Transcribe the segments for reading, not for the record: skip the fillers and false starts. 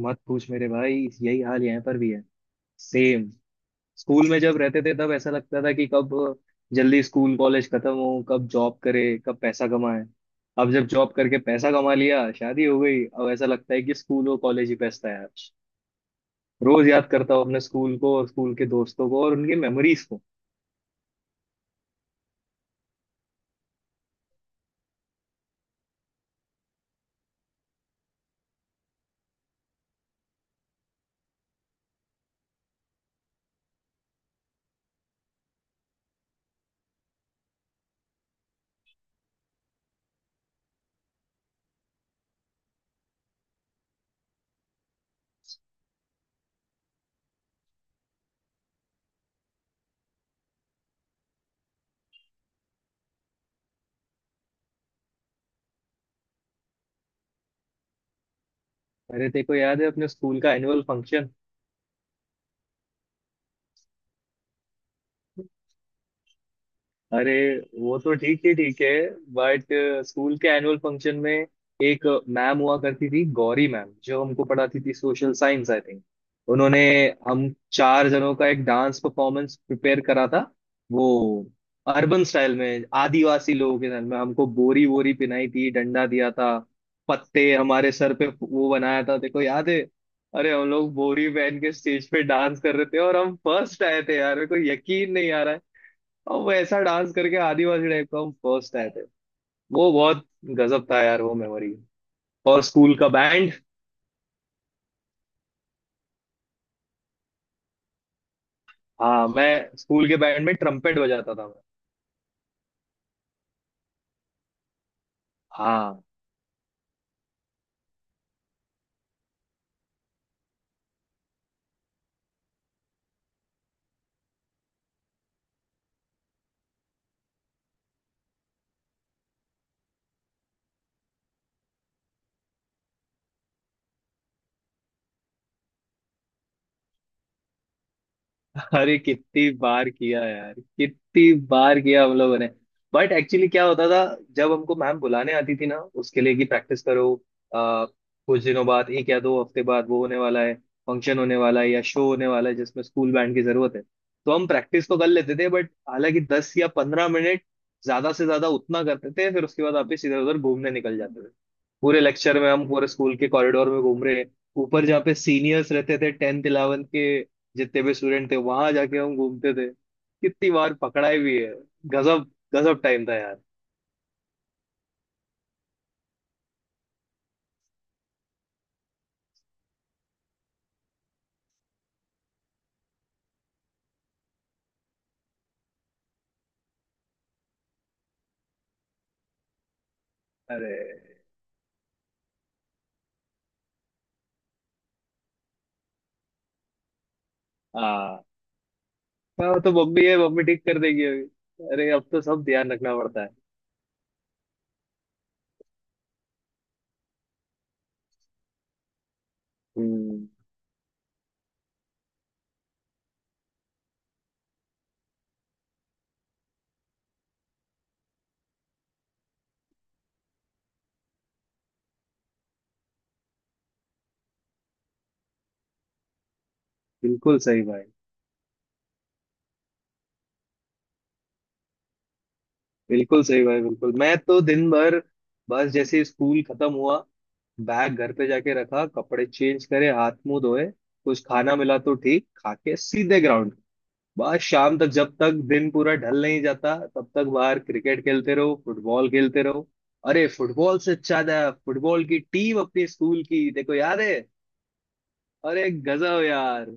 मत पूछ मेरे भाई। यही हाल यहाँ पर भी है। सेम। स्कूल में जब रहते थे तब ऐसा लगता था कि कब जल्दी स्कूल कॉलेज खत्म हो, कब जॉब करे, कब पैसा कमाए। अब जब जॉब करके पैसा कमा लिया, शादी हो गई, अब ऐसा लगता है कि स्कूल और कॉलेज ही बेस्ट था यार। रोज याद करता हूँ अपने स्कूल को और स्कूल के दोस्तों को और उनकी मेमोरीज को। अरे तेरे को याद है अपने स्कूल का एनुअल फंक्शन? अरे वो तो ठीक ही ठीक है बट स्कूल के एनुअल फंक्शन में एक मैम हुआ करती थी, गौरी मैम, जो हमको पढ़ाती थी सोशल साइंस आई थिंक। उन्होंने हम चार जनों का एक डांस परफॉर्मेंस प्रिपेयर करा था। वो अर्बन स्टाइल में, आदिवासी लोगों के स्टाइल में, हमको बोरी वोरी पिनाई थी, डंडा दिया था, पत्ते हमारे सर पे वो बनाया था, देखो याद है? अरे हम लोग बोरी पहन के स्टेज पे डांस कर रहे थे और हम फर्स्ट आए थे यार, मेरे को यकीन नहीं आ रहा है। और वो ऐसा डांस करके आदिवासी टाइप का, हम फर्स्ट आए थे। वो बहुत गजब था यार वो मेमोरी। और स्कूल का बैंड। हाँ, मैं स्कूल के बैंड में ट्रम्पेट बजाता था मैं। हाँ। अरे कितनी बार किया यार, कितनी बार किया हम लोगों ने। बट एक्चुअली क्या होता था, जब हमको मैम बुलाने आती थी ना, उसके लिए कि प्रैक्टिस करो, आ, कुछ दिनों बाद 1 या 2 हफ्ते बाद वो होने वाला है, फंक्शन होने वाला है या शो होने वाला है जिसमें स्कूल बैंड की जरूरत है। तो हम प्रैक्टिस तो कर लेते थे बट हालांकि 10 या 15 मिनट ज्यादा से ज्यादा उतना करते थे, फिर उसके बाद वापस इधर उधर घूमने निकल जाते थे। पूरे लेक्चर में हम पूरे स्कूल के कॉरिडोर में घूम रहे हैं। ऊपर जहाँ पे सीनियर्स रहते थे, टेंथ इलेवेंथ के, जितने भी स्टूडेंट थे, वहां जाके हम घूमते थे। कितनी बार पकड़ाई भी है। गजब गजब टाइम था यार। अरे। हाँ। हाँ, तो मम्मी है, मम्मी ठीक कर देगी अभी। अरे अब तो सब ध्यान रखना पड़ता है। हम्म। बिल्कुल सही भाई। बिल्कुल सही भाई, बिल्कुल। मैं तो दिन भर, बस जैसे ही स्कूल खत्म हुआ, बैग घर पे जाके रखा, कपड़े चेंज करे, हाथ मुंह धोए, कुछ खाना मिला तो ठीक, खा के सीधे ग्राउंड, बस शाम तक जब तक दिन पूरा ढल नहीं जाता तब तक बाहर क्रिकेट खेलते रहो, फुटबॉल खेलते रहो। अरे फुटबॉल से ज्यादा फुटबॉल की टीम अपनी स्कूल की, देखो याद है? अरे गजब यार।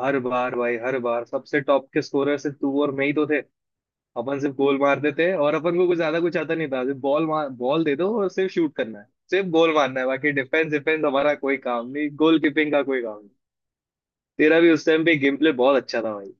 हर बार भाई, हर बार, सबसे टॉप के स्कोरर से तू और मैं ही तो थे। अपन सिर्फ गोल मार देते हैं और अपन को कुछ ज्यादा कुछ आता नहीं था, सिर्फ बॉल मार, बॉल दे दो और सिर्फ शूट करना है, सिर्फ गोल मारना है, बाकी डिफेंस डिफेंस हमारा कोई काम नहीं, गोल कीपिंग का कोई काम नहीं। तेरा भी उस टाइम पे गेम प्ले बहुत अच्छा था भाई।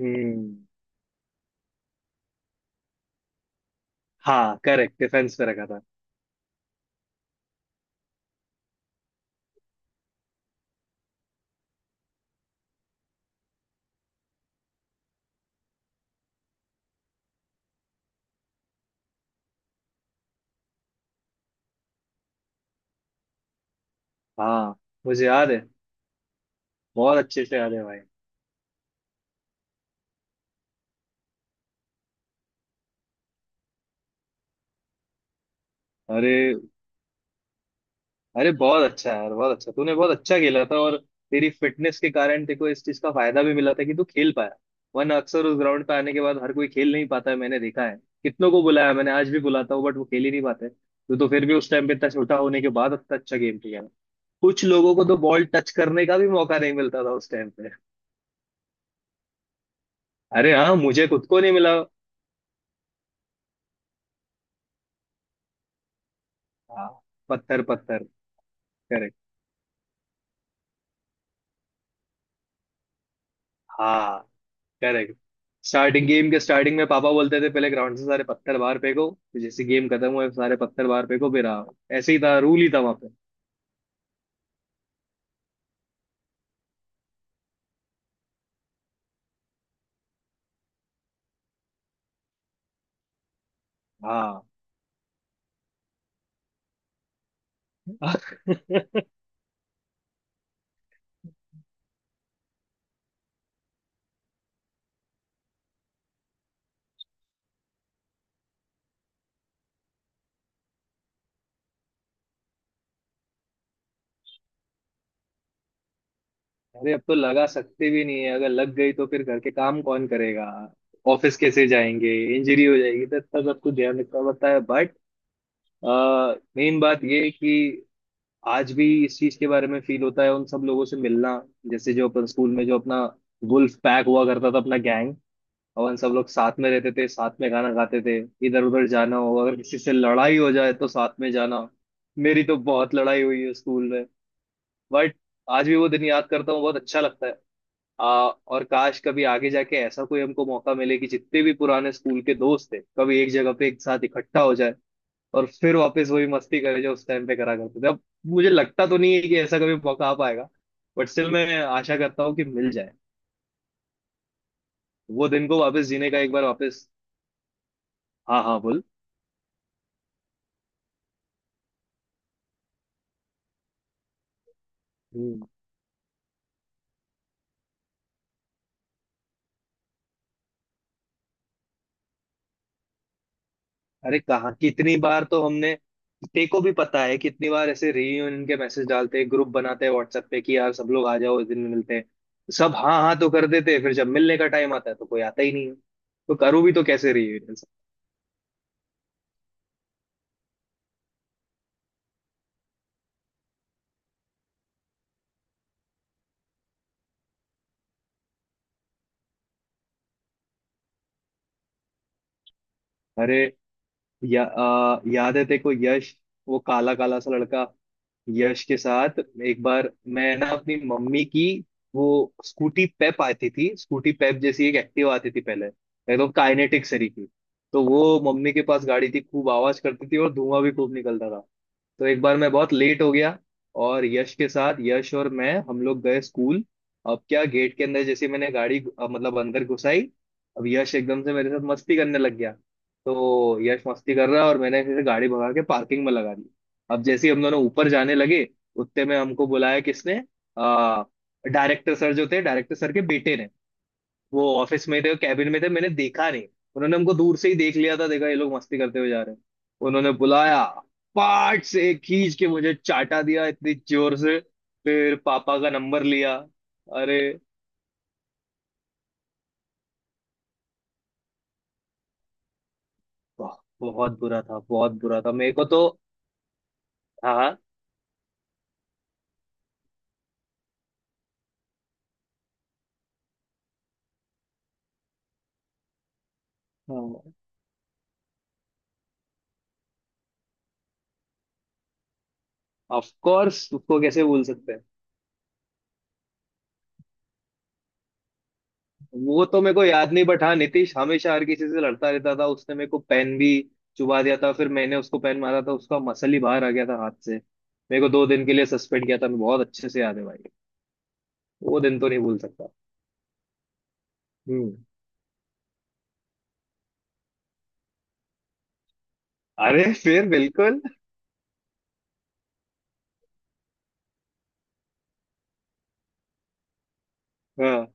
हम्म। हाँ, करेक्ट डिफेंस पे रखा था। हाँ, मुझे याद है। बहुत अच्छे से याद है भाई। अरे। अरे बहुत अच्छा यार, बहुत अच्छा, तूने बहुत अच्छा खेला था और तेरी फिटनेस के कारण तेको इस चीज का फायदा भी मिला था कि तू खेल पाया, वरना अक्सर उस ग्राउंड पे आने के बाद हर कोई खेल नहीं पाता है, मैंने देखा है। कितनों को बुलाया मैंने, आज भी बुलाता हूँ बट वो खेल ही नहीं पाते। तू तो फिर भी उस टाइम पे इतना छोटा होने के बाद इतना अच्छा गेम खेला। कुछ लोगों को तो बॉल टच करने का भी मौका नहीं मिलता था उस टाइम पे। अरे हाँ मुझे खुद को नहीं मिला। हाँ। पत्थर पत्थर। करेक्ट। हाँ। करेक्ट। स्टार्टिंग गेम के स्टार्टिंग में पापा बोलते थे, पहले ग्राउंड से सारे पत्थर बाहर फेंको, फिर जैसे गेम खत्म हुए सारे पत्थर बाहर फेंको फिर आओ। ऐसे ही था, रूल ही था वहां पे। हाँ। अरे अब तो लगा सकते भी नहीं है, अगर लग गई तो फिर घर के काम कौन करेगा, ऑफिस कैसे जाएंगे, इंजरी हो जाएगी तो इतना सब कुछ ध्यान रखना पड़ता है बट मेन बात ये है कि आज भी इस चीज के बारे में फील होता है उन सब लोगों से मिलना, जैसे जो अपन स्कूल में जो अपना वुल्फ पैक हुआ करता था अपना गैंग, अपन सब लोग साथ में रहते थे, साथ में खाना खाते थे, इधर उधर जाना हो, अगर किसी से लड़ाई हो जाए तो साथ में जाना। मेरी तो बहुत लड़ाई हुई है स्कूल में बट आज भी वो दिन याद करता हूँ, बहुत अच्छा लगता है। आ, और काश कभी आगे जाके ऐसा कोई हमको मौका मिले कि जितने भी पुराने स्कूल के दोस्त थे कभी एक जगह पे एक साथ इकट्ठा हो जाए और फिर वापस वही मस्ती करे जो उस टाइम पे करा करते थे। अब मुझे लगता तो नहीं है कि ऐसा कभी मौका आ पाएगा बट स्टिल मैं आशा करता हूँ कि मिल जाए। वो दिन को वापस जीने का, एक बार वापस। हाँ, हाँ। बोल। अरे कहाँ, कितनी बार तो हमने, ते को भी पता है कितनी बार ऐसे रीयूनियन के मैसेज डालते हैं, ग्रुप बनाते हैं व्हाट्सएप पे कि यार सब लोग आ जाओ इस दिन मिलते हैं। सब हाँ हाँ तो कर देते हैं, फिर जब मिलने का टाइम आता है तो कोई आता ही नहीं है। तो करूँ भी तो कैसे रीयूनियन? अरे, या याद है? देखो यश, वो काला काला सा लड़का, यश के साथ एक बार मैं ना अपनी मम्मी की, वो स्कूटी पेप आती थी, स्कूटी पेप जैसी एक एक्टिव आती थी पहले, एकदम काइनेटिक सरी की, तो वो मम्मी के पास गाड़ी थी, खूब आवाज करती थी और धुआं भी खूब निकलता था। तो एक बार मैं बहुत लेट हो गया और यश के साथ यश और मैं, हम लोग गए स्कूल। अब क्या गेट के अंदर जैसे मैंने गाड़ी मतलब अंदर घुसाई, अब यश एकदम से मेरे साथ मस्ती करने लग गया, तो यश मस्ती कर रहा है और मैंने फिर गाड़ी भगा के पार्किंग में लगा दी। अब जैसे ही हम दोनों ऊपर जाने लगे, उतने में हमको बुलाया किसने, आ डायरेक्टर सर जो थे, डायरेक्टर सर के बेटे ने, वो ऑफिस में थे, कैबिन में थे, मैंने देखा नहीं। उन्होंने हमको दूर से ही देख लिया था, देखा ये लोग मस्ती करते हुए जा रहे हैं, उन्होंने बुलाया, पाट से खींच के मुझे चाटा दिया इतनी जोर से, फिर पापा का नंबर लिया। अरे। वाह, बहुत बुरा था, बहुत बुरा था मेरे को तो। हाँ, ऑफ कोर्स उसको कैसे भूल सकते हैं। वो तो मेरे को याद नहीं बट हाँ, नितिश हमेशा हर किसी से लड़ता रहता था, उसने मेरे को पेन भी चुबा दिया था, फिर मैंने उसको पेन मारा था, उसका मसल ही बाहर आ गया था हाथ से, मेरे को 2 दिन के लिए सस्पेंड किया था, मैं बहुत अच्छे से याद है भाई। वो दिन तो नहीं भूल सकता। हम्म। अरे फिर बिल्कुल। हाँ,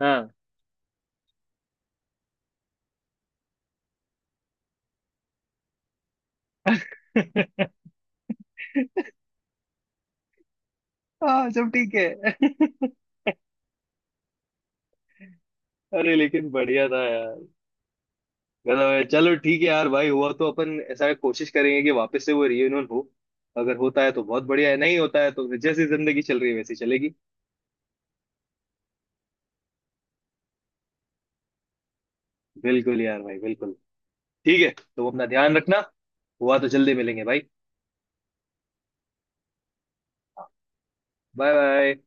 हाँ। हाँ, सब ठीक है। अरे लेकिन बढ़िया था यार। मतलब है, चलो ठीक है यार भाई, हुआ तो अपन ऐसा कोशिश करेंगे कि वापस से वो रियूनियन हो। अगर होता है तो बहुत बढ़िया है, नहीं होता है तो फिर जैसी जिंदगी चल रही है वैसी चलेगी। बिल्कुल यार भाई बिल्कुल। ठीक है। तो अपना ध्यान रखना, हुआ तो जल्दी मिलेंगे भाई। Bye bye.